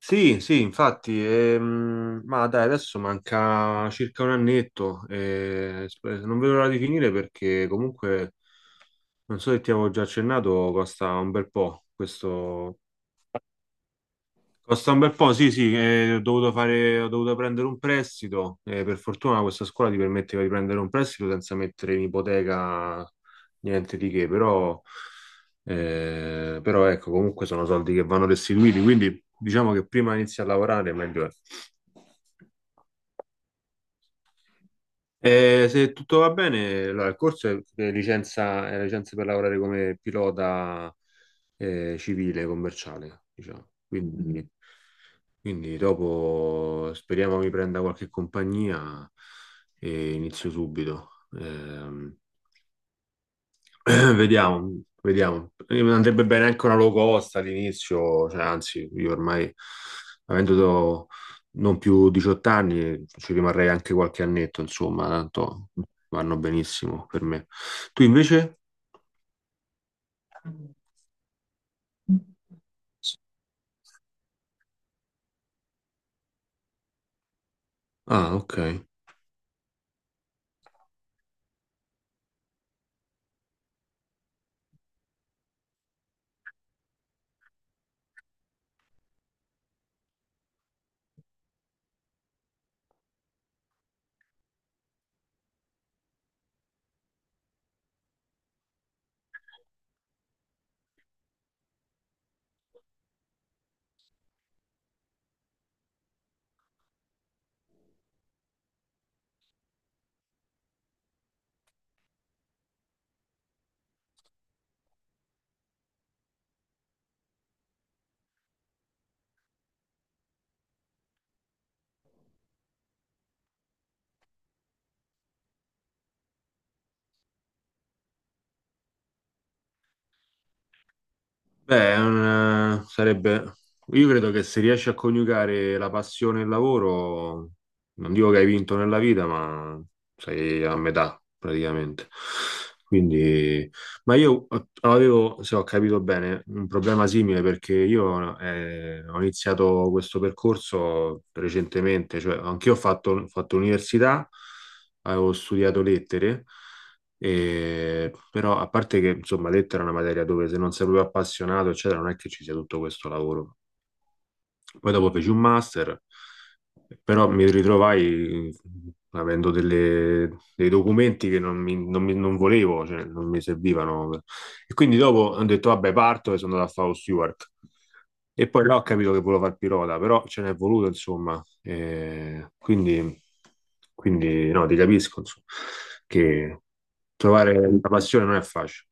Sì, sì, infatti, ma dai, adesso manca circa un annetto, e non vedo l'ora di finire perché comunque, non so se ti avevo già accennato, costa un bel po' questo, costa un bel po', sì, sì, ho dovuto prendere un prestito. Per fortuna questa scuola ti permetteva di prendere un prestito senza mettere in ipoteca niente di che, però, però ecco, comunque sono soldi che vanno restituiti, quindi diciamo che prima inizi a lavorare meglio è. Se tutto va bene, allora, il corso è licenza, è licenza per lavorare come pilota civile, commerciale, diciamo. Quindi, quindi dopo speriamo mi prenda qualche compagnia e inizio subito. Ehm, Vediamo, vediamo. Andrebbe bene anche una low cost all'inizio, cioè, anzi, io ormai, avendo do- non più 18 anni, ci rimarrei anche qualche annetto, insomma, tanto vanno benissimo per me. Tu invece? Ah, ok. Beh, sarebbe... Io credo che se riesci a coniugare la passione e il lavoro, non dico che hai vinto nella vita, ma sei a metà praticamente. Quindi, ma io avevo, se ho capito bene, un problema simile perché io ho iniziato questo percorso recentemente, cioè anch'io ho fatto università, avevo studiato lettere, però a parte che insomma lettera è una materia dove se non sei proprio appassionato, eccetera, non è che ci sia tutto questo lavoro. Poi dopo feci un master, però mi ritrovai dei documenti che non volevo, cioè non mi servivano. E quindi dopo ho detto, vabbè, parto e sono andato a fare lo steward. E poi là ho capito che volevo fare il pilota, però ce n'è voluto, insomma. E quindi, quindi, no, ti capisco, insomma, che trovare la passione non è facile.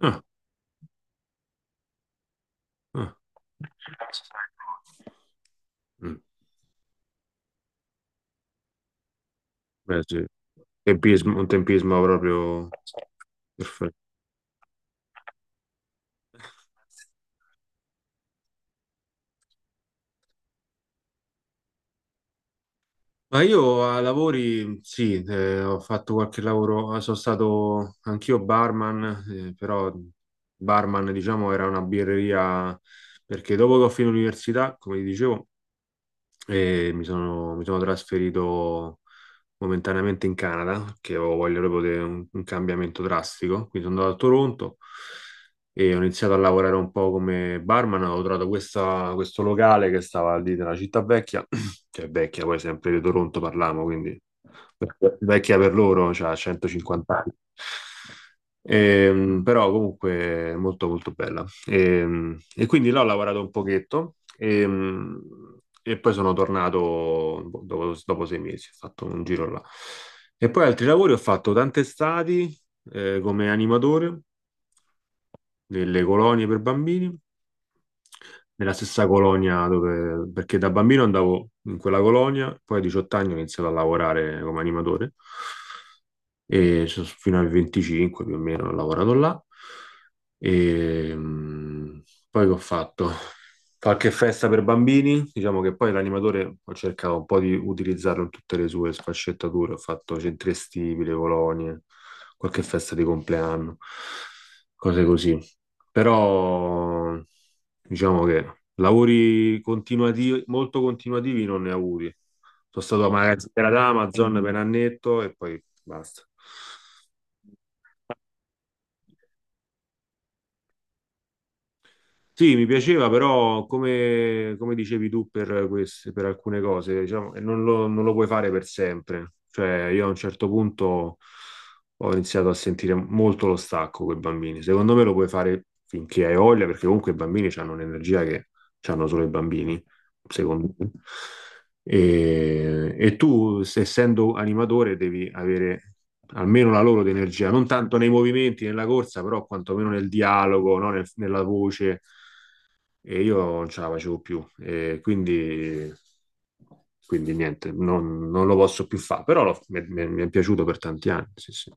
Ah, ah. Mm, beh, sì. Tempismo, un tempismo proprio perfetto. Ma io a lavori, sì, ho fatto qualche lavoro, sono stato anch'io barman, però barman, diciamo, era una birreria perché dopo che ho finito l'università, come vi dicevo, mi sono trasferito momentaneamente in Canada, che avevo voglia proprio di un cambiamento drastico. Quindi sono andato a Toronto e ho iniziato a lavorare un po' come barman. Ho trovato questo locale che stava lì nella città vecchia, cioè vecchia, poi sempre di Toronto parliamo, quindi vecchia per loro, cioè 150 anni. Però comunque molto molto bella. E quindi là ho lavorato un pochetto e poi sono tornato boh, dopo sei mesi, ho fatto un giro là. E poi altri lavori ho fatto tante estati come animatore delle colonie per bambini, nella stessa colonia dove, perché da bambino andavo in quella colonia, poi a 18 anni ho iniziato a lavorare come animatore fino ai 25 più o meno ho lavorato là. E, poi che ho fatto? Qualche festa per bambini, diciamo che poi l'animatore ho cercato un po' di utilizzarlo in tutte le sue sfaccettature, ho fatto centri estivi, le colonie, qualche festa di compleanno, cose così però diciamo che lavori continuativi, molto continuativi non ne ho avuti. Sono stato a magazziniera ad Amazon per un annetto e poi basta. Sì, mi piaceva, però come, come dicevi tu per queste, per alcune cose, diciamo, non lo puoi fare per sempre. Cioè, io a un certo punto ho iniziato a sentire molto lo stacco con i bambini. Secondo me lo puoi fare finché hai voglia, perché comunque i bambini hanno un'energia che hanno solo i bambini, secondo me. E tu, essendo animatore, devi avere almeno la loro di energia, non tanto nei movimenti, nella corsa, però quantomeno nel dialogo, no? Nella voce e io non ce la facevo più, e quindi, quindi niente, non lo posso più fare, però mi è piaciuto per tanti anni, sì, sì.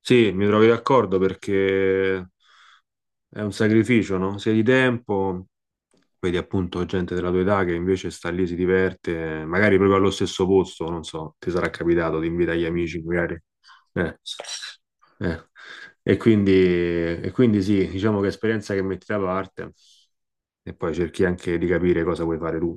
Sì, mi trovi d'accordo perché è un sacrificio, no? Sia di tempo, vedi appunto gente della tua età che invece sta lì, si diverte, magari proprio allo stesso posto, non so, ti sarà capitato, ti invita gli amici, magari. Eh, eh. E quindi sì, diciamo che è esperienza che metti da parte e poi cerchi anche di capire cosa vuoi fare tu.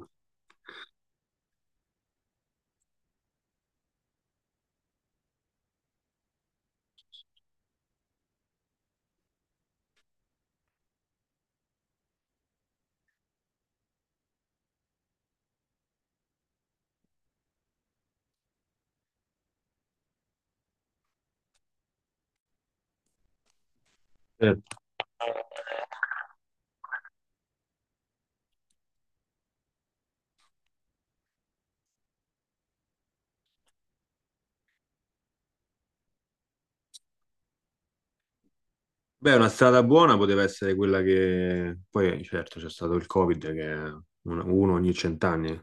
Beh, una strada buona poteva essere quella che poi, certo, c'è stato il Covid che uno ogni cent'anni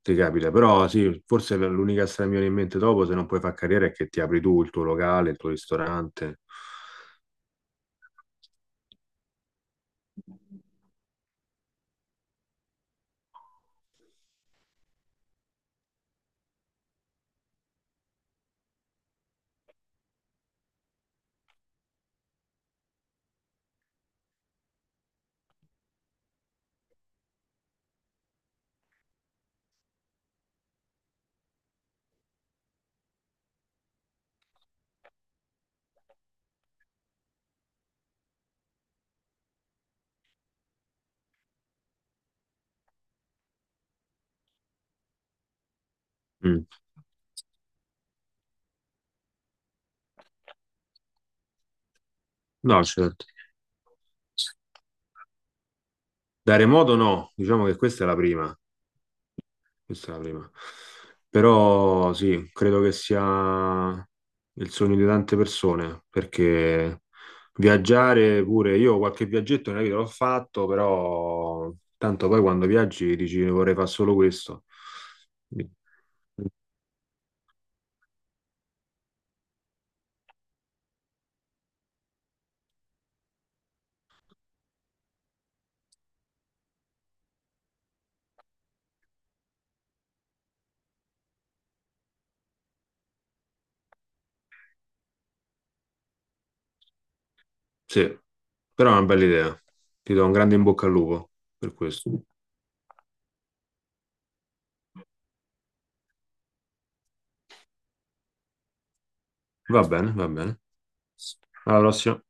ti capita, però sì, forse l'unica strada che mi viene in mente dopo, se non puoi fare carriera, è che ti apri tu il tuo locale, il tuo ristorante. Mm. No, certo. Da remoto no, diciamo che questa è la prima. Questa è la prima. Però sì, credo che sia il sogno di tante persone, perché viaggiare pure, io qualche viaggetto nella vita l'ho fatto, però tanto poi quando viaggi dici vorrei fare solo questo. Sì, però è una bella idea. Ti do un grande in bocca al lupo per questo. Va bene, va bene. Alla prossima.